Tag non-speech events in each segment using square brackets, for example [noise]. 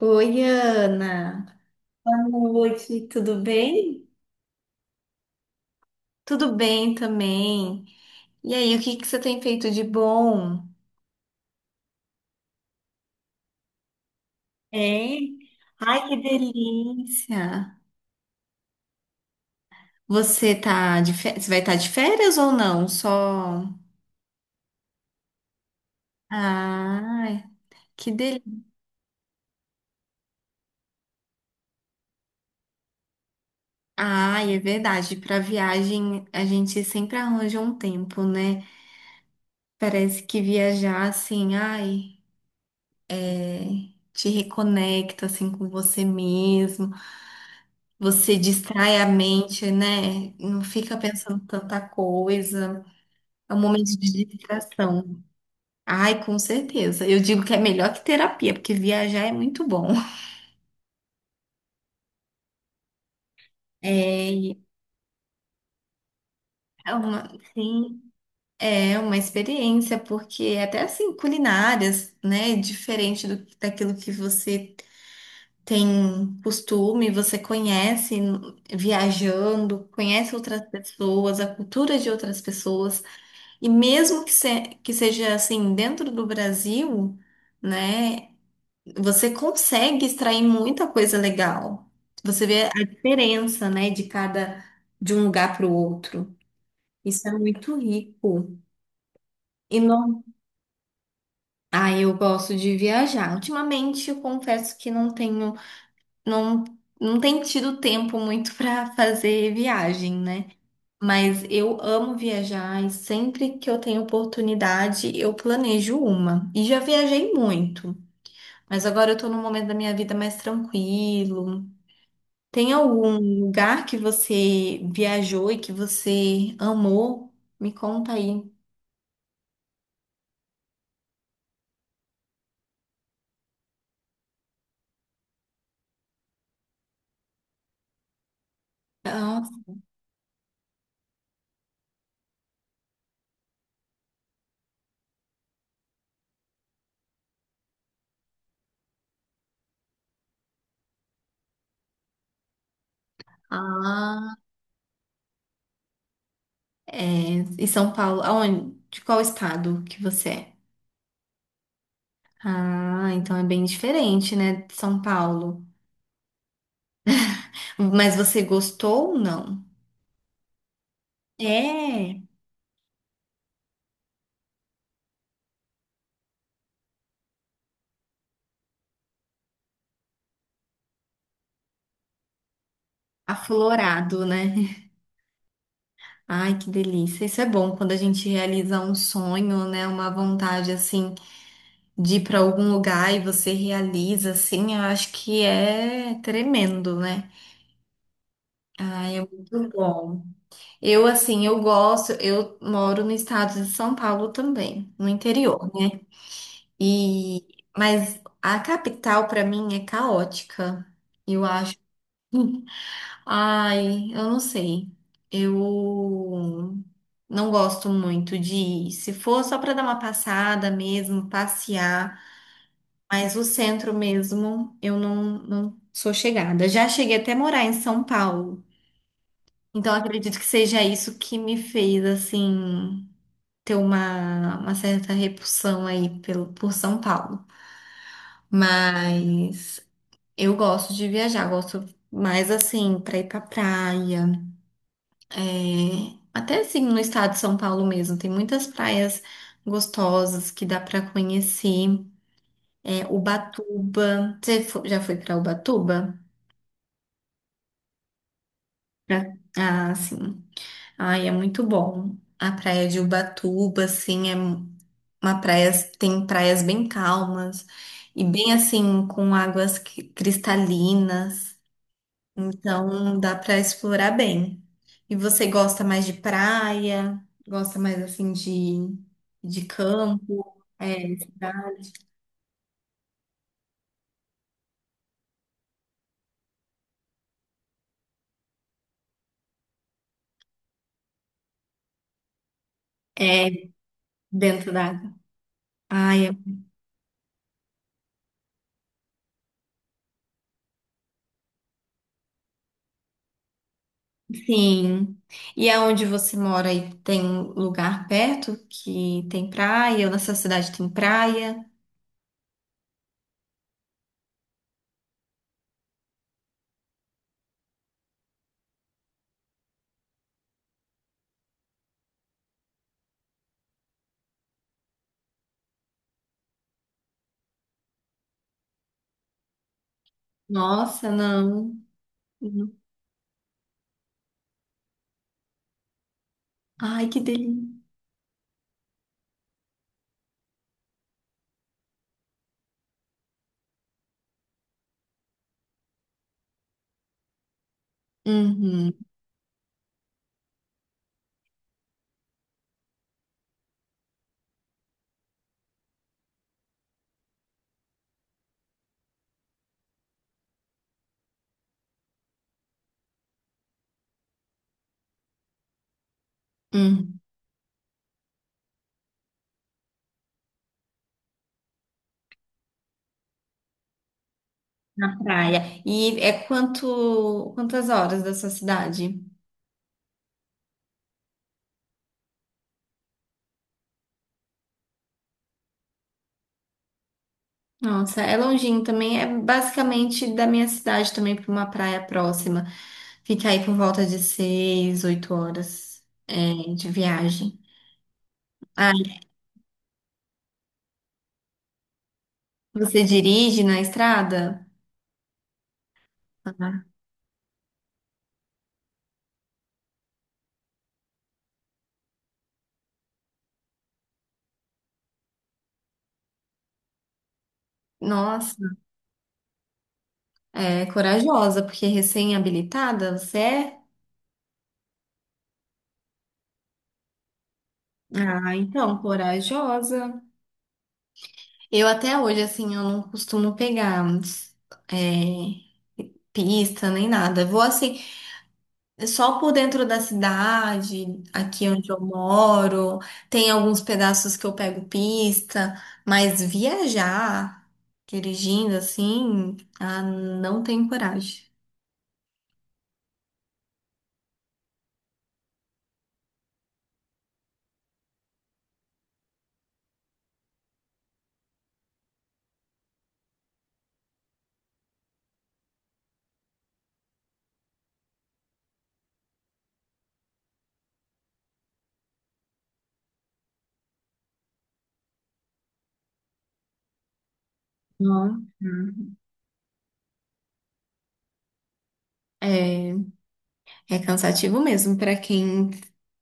Oi, Ana. Boa noite, tudo bem? Tudo bem também? E aí, o que que você tem feito de bom? É? Ai, que delícia! Você vai estar de férias ou não? Só. Ai, que delícia. Ai, é verdade. Para viagem, a gente sempre arranja um tempo, né? Parece que viajar assim, ai, é, te reconecta assim com você mesmo. Você distrai a mente, né? Não fica pensando tanta coisa. É um momento de distração. Ai, com certeza. Eu digo que é melhor que terapia, porque viajar é muito bom. [laughs] É, e é uma, sim, é uma experiência, porque é até assim, culinárias, né? Diferente do, daquilo que você tem costume, você conhece viajando, conhece outras pessoas, a cultura de outras pessoas. E mesmo que, que seja assim dentro do Brasil, né, você consegue extrair muita coisa legal. Você vê a diferença, né, de cada, de um lugar para o outro. Isso é muito rico. E não, ah, eu gosto de viajar. Ultimamente, eu confesso que não tenho, não, não tenho tido tempo muito [laughs] para fazer viagem, né? Mas eu amo viajar e sempre que eu tenho oportunidade, eu planejo uma. E já viajei muito, mas agora eu tô num momento da minha vida mais tranquilo. Tem algum lugar que você viajou e que você amou? Me conta aí. Ah, ah, é. E São Paulo, aonde? De qual estado que você é? Ah, então é bem diferente, né, de São Paulo. Mas você gostou ou não? É, aflorado, né? Ai, que delícia. Isso é bom quando a gente realiza um sonho, né? Uma vontade assim de ir para algum lugar e você realiza assim, eu acho que é tremendo, né? Ai, é muito bom. Eu assim, eu gosto, eu moro no estado de São Paulo também, no interior, né? E mas a capital para mim é caótica. Eu acho. Ai, eu não sei. Eu não gosto muito de ir. Se for só para dar uma passada mesmo, passear, mas o centro mesmo, eu não, não sou chegada. Já cheguei até a morar em São Paulo. Então acredito que seja isso que me fez assim ter uma certa repulsão aí pelo, por São Paulo. Mas eu gosto de viajar, gosto mais assim para ir para praia. É, até assim no estado de São Paulo mesmo, tem muitas praias gostosas que dá para conhecer. É, Ubatuba. Já foi para Ubatuba? Já. Ah, sim. Ai, é muito bom. A praia de Ubatuba, assim, é uma praia, tem praias bem calmas e bem assim, com águas cristalinas. Então dá para explorar bem. E você gosta mais de praia? Gosta mais assim de campo? É, cidade? É dentro da água. Ai, é- sim. E aonde você mora aí tem lugar perto que tem praia? Ou na sua cidade tem praia? Nossa, não. Uhum. Ai, que delícia. Uhum, uhum. Na praia. E é quantas horas da sua cidade? Nossa, é longinho também, é basicamente da minha cidade também para uma praia próxima. Fica aí por volta de seis, oito horas é, de viagem. Ah, você dirige na estrada? Ah, nossa, é corajosa, porque recém-habilitada você é? Ah, então, corajosa. Eu até hoje, assim, eu não costumo pegar é, pista nem nada. Vou assim, é só por dentro da cidade, aqui onde eu moro, tem alguns pedaços que eu pego pista, mas viajar dirigindo assim, ah, não tenho coragem. Não. Hum. É, é cansativo mesmo para quem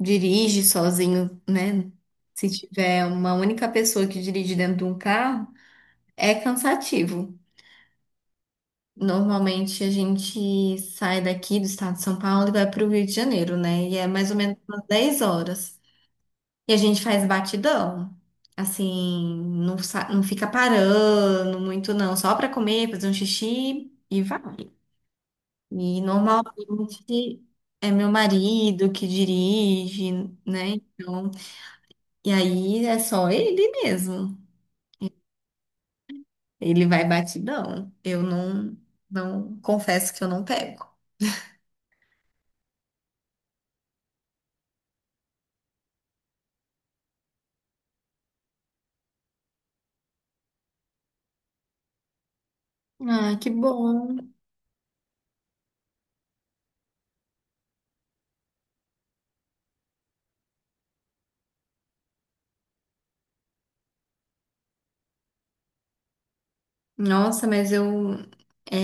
dirige sozinho, né? Se tiver uma única pessoa que dirige dentro de um carro, é cansativo. Normalmente a gente sai daqui do estado de São Paulo e vai para o Rio de Janeiro, né? E é mais ou menos umas 10 horas. E a gente faz batidão. Assim, não, não fica parando muito, não. Só para comer, fazer um xixi e vai. E normalmente é meu marido que dirige, né? Então, e aí é só ele mesmo. Ele vai batidão. Eu não, não confesso que eu não pego. Ah, que bom. Nossa, mas eu é,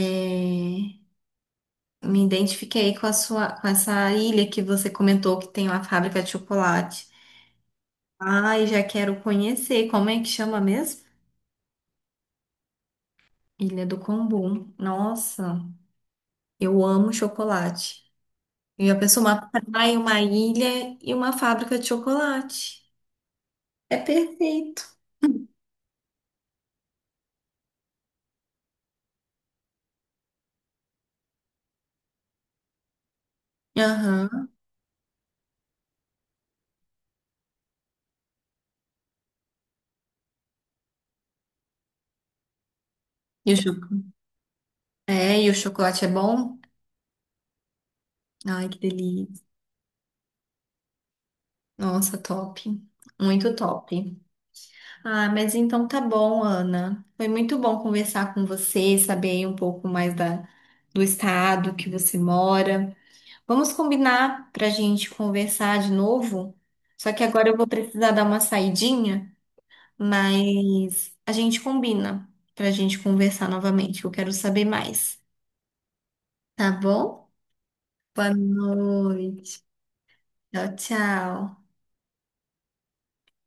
me identifiquei com a sua, com essa ilha que você comentou que tem uma fábrica de chocolate. Ai, já quero conhecer. Como é que chama mesmo? Ilha do Combu. Nossa, eu amo chocolate. E a pessoa, uma praia, uma ilha e uma fábrica de chocolate. É perfeito. Aham. E o cho- É, e o chocolate é bom? Ai, que delícia. Nossa, top. Muito top. Ah, mas então tá bom, Ana. Foi muito bom conversar com você, saber aí um pouco mais da, do estado que você mora. Vamos combinar para a gente conversar de novo? Só que agora eu vou precisar dar uma saidinha, mas a gente combina para a gente conversar novamente. Eu quero saber mais, tá bom? Boa noite. Tchau, tchau.